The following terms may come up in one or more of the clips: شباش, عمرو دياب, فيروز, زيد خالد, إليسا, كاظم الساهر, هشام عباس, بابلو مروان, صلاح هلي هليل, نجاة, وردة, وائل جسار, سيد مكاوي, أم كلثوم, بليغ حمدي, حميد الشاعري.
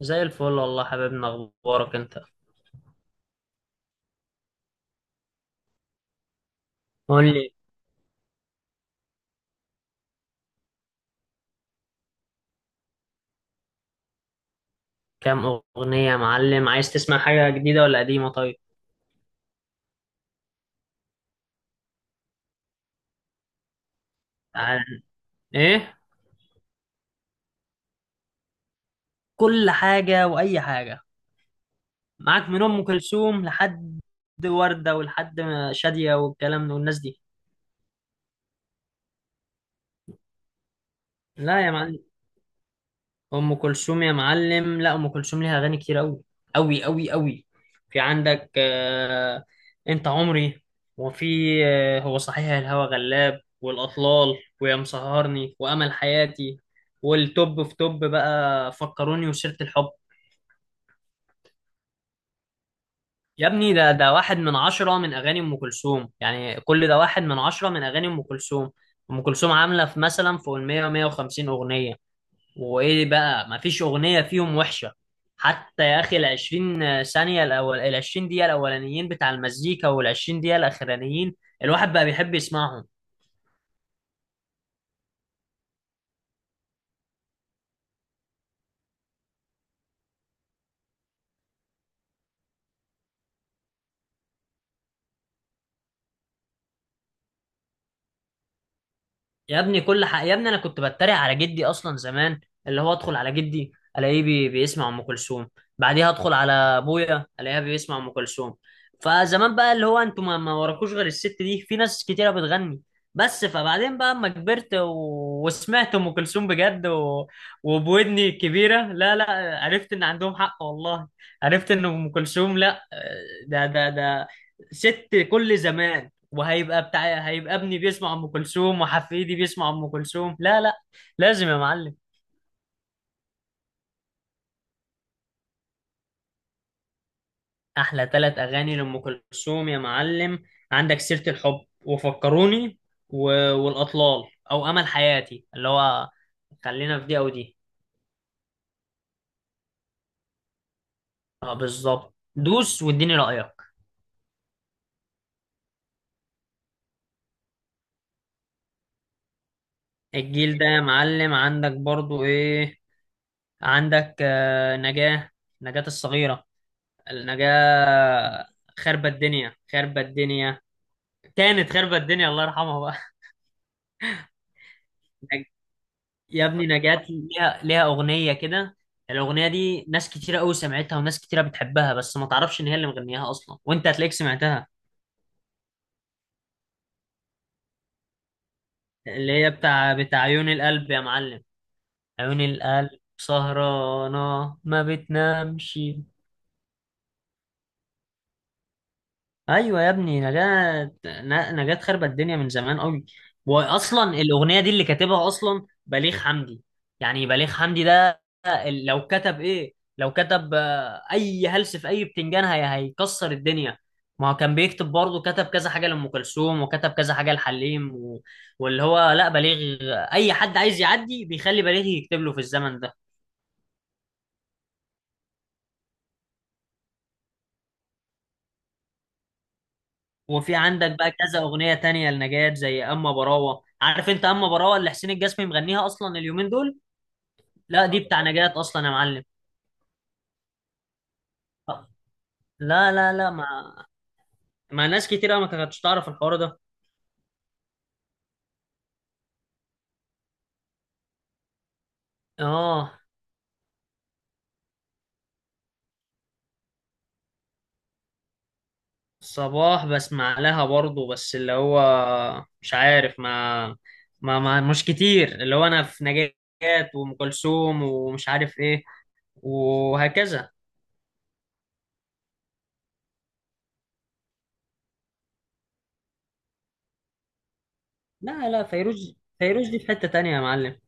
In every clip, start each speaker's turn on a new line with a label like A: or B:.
A: زي الفل والله. حبيبنا اخبارك انت؟ قول لي. كام اغنيه يا معلم؟ عايز تسمع حاجه جديده ولا قديمه؟ طيب تعال. ايه؟ كل حاجه واي حاجه. معاك من ام كلثوم لحد ورده ولحد شاديه والكلام ده والناس دي. لا يا معلم، ام كلثوم يا معلم. لا، ام كلثوم ليها اغاني كتير قوي قوي قوي قوي. في عندك انت عمري، وفي هو صحيح الهوى غلاب، والاطلال، ويا مسهرني، وامل حياتي، والتوب في توب بقى فكروني وسيرة الحب. يا ابني ده واحد من 10 من اغاني ام كلثوم، يعني كل ده واحد من عشرة من اغاني ام كلثوم. ام كلثوم عاملة في مثلا فوق ال 100 150 اغنية، وايه بقى، مفيش اغنيه فيهم وحشه. حتى يا اخي 20 ثانيه الاول، 20 دقيقه الاولانيين بتاع المزيكا والعشرين دقيقه الاخرانيين، الواحد بقى بيحب يسمعهم. يا ابني كل حق، يا ابني انا كنت بتريق على جدي اصلا زمان، اللي هو ادخل على جدي الاقيه بيسمع ام كلثوم، بعديها ادخل على ابويا الاقيها بيسمع ام كلثوم. فزمان بقى اللي هو انتوا ما وراكوش غير الست دي، في ناس كتيره بتغني بس. فبعدين بقى اما كبرت وسمعت ام كلثوم بجد، وبودني الكبيره، لا لا عرفت ان عندهم حق والله. عرفت ان ام كلثوم لا، ده ست كل زمان. وهيبقى بتاع، هيبقى ابني بيسمع ام كلثوم وحفيدي بيسمع ام كلثوم. لا لا، لازم يا معلم. احلى 3 اغاني لام كلثوم يا معلم، عندك سيرة الحب وفكروني و... والاطلال، او امل حياتي اللي هو، خلينا في دي او دي. اه بالظبط، دوس واديني رايك. الجيل ده يا معلم، عندك برضو ايه، عندك نجاة، نجاة الصغيرة، النجاة. خربت الدنيا، خربت الدنيا، كانت خربت الدنيا الله يرحمها. نج- يا ابني نجاة ليها أغنية كده، الأغنية دي ناس كتيرة أوي سمعتها وناس كتيرة بتحبها بس ما تعرفش إن هي اللي مغنياها أصلا، وأنت هتلاقيك سمعتها. اللي هي بتاع عيون القلب يا معلم، عيون القلب سهرانة ما بتنامش. ايوه يا ابني نجاة، نجاة خربت الدنيا من زمان قوي. واصلا الاغنيه دي اللي كاتبها اصلا بليغ حمدي. يعني بليغ حمدي ده لو كتب ايه، لو كتب اي هلس في اي بتنجان، هي هيكسر الدنيا. ما هو كان بيكتب برضه، كتب كذا حاجه لام كلثوم وكتب كذا حاجه لحليم، واللي هو لا بليغ، اي حد عايز يعدي بيخلي بليغ يكتب له في الزمن ده. وفي عندك بقى كذا اغنيه تانية لنجاة، زي اما براوه، عارف انت اما براوه اللي حسين الجسمي مغنيها اصلا اليومين دول؟ لا دي بتاع نجاة اصلا يا معلم. لا لا لا، ما ما ناس كتير أوي ما كانتش تعرف الحوار ده. اه. صباح بسمع لها برضه، بس اللي هو مش عارف، ما مش كتير. اللي هو انا في نجاة وام كلثوم ومش عارف ايه، وهكذا. لا لا، فيروز، فيروز دي في حتة تانية يا معلم.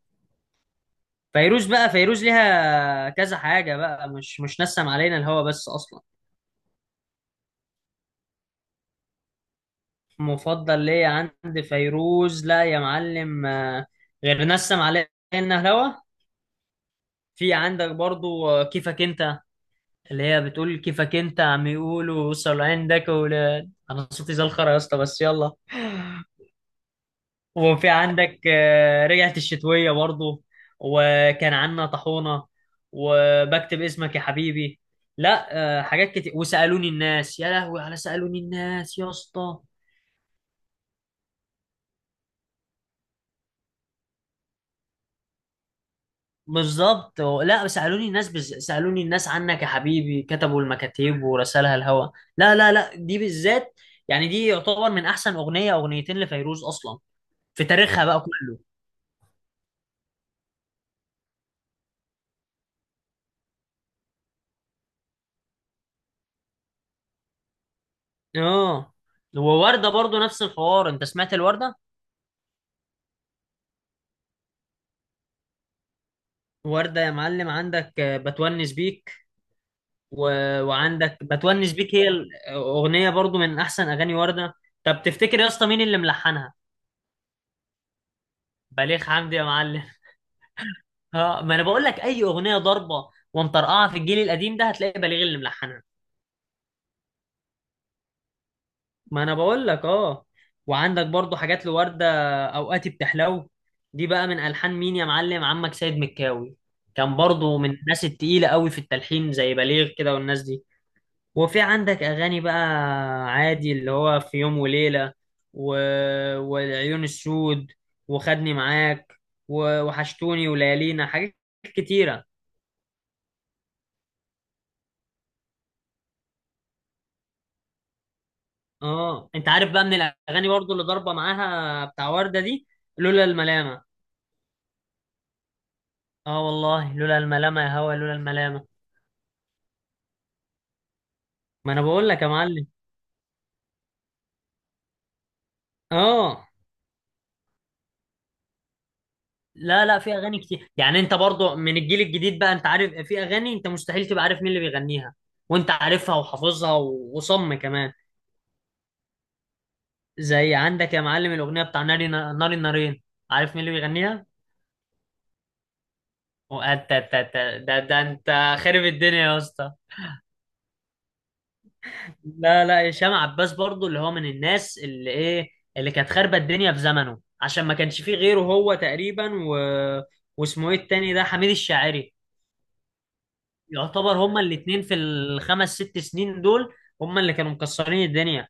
A: فيروز بقى فيروز ليها كذا حاجة بقى، مش مش نسم علينا الهوا بس أصلا. مفضل ليا عند فيروز؟ لا يا معلم، غير نسم علينا الهوا، في عندك برضو كيفك أنت، اللي هي بتقول كيفك أنت عم يقولوا وصل عندك ولاد. أنا صوتي زي الخرا يا اسطى بس يلا. وفي عندك رجعت الشتوية برضو، وكان عنا طحونة، وبكتب اسمك يا حبيبي. لا، حاجات كتير. وسألوني الناس يا لهوي، على سألوني الناس يا اسطى. بالظبط. لا سألوني الناس سألوني الناس عنك يا حبيبي كتبوا المكاتيب ورسالها الهوا. لا لا لا، دي بالذات يعني دي يعتبر من أحسن أغنية، 2 أغنية لفيروز أصلا في تاريخها بقى كله. اه. ووردة برضو نفس الحوار، انت سمعت الوردة؟ وردة يا معلم عندك بتونس بيك، و... وعندك بتونس بيك هي الأغنية برضو من أحسن أغاني وردة. طب تفتكر يا اسطى مين اللي ملحنها؟ بليغ حمدي يا معلم اه ما أنا بقول لك، أي أغنية ضربة ومطرقعة في الجيل القديم ده هتلاقي بليغ اللي ملحنها. ما أنا بقول لك اه. وعندك برضو حاجات لوردة، أوقاتي بتحلو، دي بقى من ألحان مين يا معلم؟ عمك سيد مكاوي، كان برضو من الناس التقيلة قوي في التلحين زي بليغ كده والناس دي. وفي عندك أغاني بقى عادي، اللي هو في يوم وليلة، و... والعيون السود، وخدني معاك، وحشتوني وليالينا، حاجات كتيرة. اه انت عارف بقى من الأغاني برضو اللي ضاربة معاها بتاع وردة دي، لولا الملامة. اه والله لولا الملامة يا هوا، لولا الملامة. ما انا بقول لك يا معلم. اه. لا لا، في أغاني كتير يعني. انت برضو من الجيل الجديد بقى، انت عارف، في أغاني انت مستحيل تبقى عارف مين اللي بيغنيها، وانت عارفها وحافظها وصم كمان. زي عندك يا معلم الأغنية بتاع ناري، ناري نارين، عارف مين اللي بيغنيها؟ ده أنت خارب الدنيا يا اسطى. لا لا، هشام عباس برضو اللي هو من الناس اللي إيه، اللي كانت خاربة الدنيا في زمنه عشان ما كانش فيه غيره هو تقريبا، واسمه إيه التاني ده، حميد الشاعري. يعتبر هما الاتنين في 5 6 سنين دول، هما اللي كانوا مكسرين الدنيا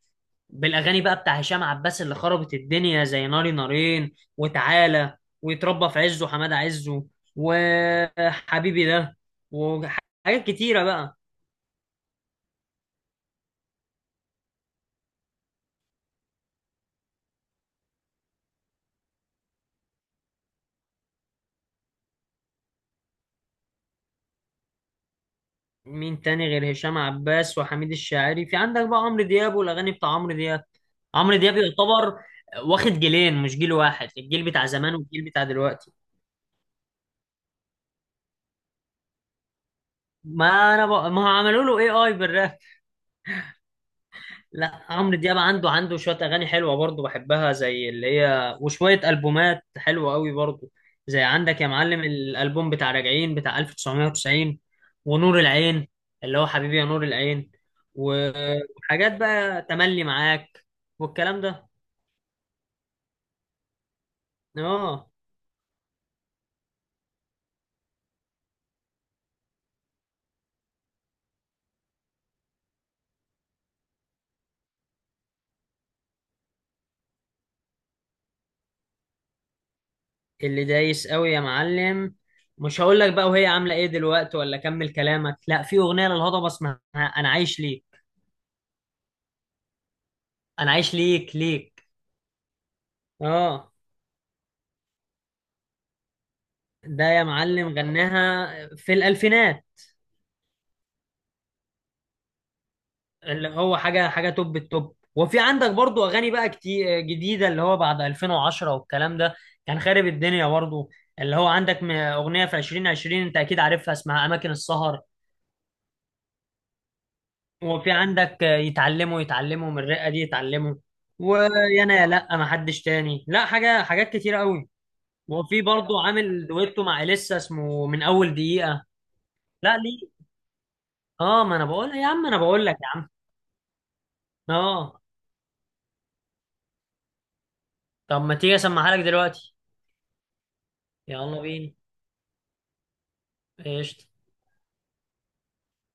A: بالاغاني بقى. بتاع هشام عباس اللي خربت الدنيا زي ناري نارين، وتعالى، ويتربى في عزه حماد عزه، وحبيبي ده، وحاجات كتيره بقى. مين تاني غير هشام عباس وحميد الشاعري؟ في عندك بقى عمرو دياب والاغاني بتاع عمرو دياب. عمرو دياب يعتبر واخد جيلين مش جيل واحد، الجيل بتاع زمان والجيل بتاع دلوقتي. ما انا بقى ما عملوا له اي. لا عمرو دياب عنده، عنده شوية أغاني حلوة برضه بحبها زي اللي هي، وشوية ألبومات حلوة قوي برضه. زي عندك يا معلم الألبوم بتاع راجعين بتاع 1990، ونور العين، اللي هو حبيبي يا نور العين، وحاجات بقى تملي معاك والكلام ده. اه. اللي دايس قوي يا معلم، مش هقول لك بقى وهي عاملة ايه دلوقتي، ولا كمل كلامك. لا في أغنية للهضبة اسمها أنا عايش ليك. أنا عايش ليك، ليك. اه. ده يا معلم غناها في الألفينات. اللي هو حاجة حاجة توب التوب. وفي عندك برضو أغاني بقى كتير جديدة، اللي هو بعد 2010 والكلام ده كان خارب الدنيا برضو. اللي هو عندك أغنية في 2020 أنت أكيد عارفها اسمها أماكن السهر. وفي عندك يتعلموا، يتعلموا من الرقة دي يتعلموا، ويانا يا لأ ما حدش تاني، لا حاجة حاجات كتير قوي. وفي برضو عامل دويتو مع إليسا اسمه من أول دقيقة. لا ليه. اه ما انا بقول يا عم، انا بقول لك يا عم. اه. طب ما تيجي اسمعها لك دلوقتي. يلا بينا، قشطة.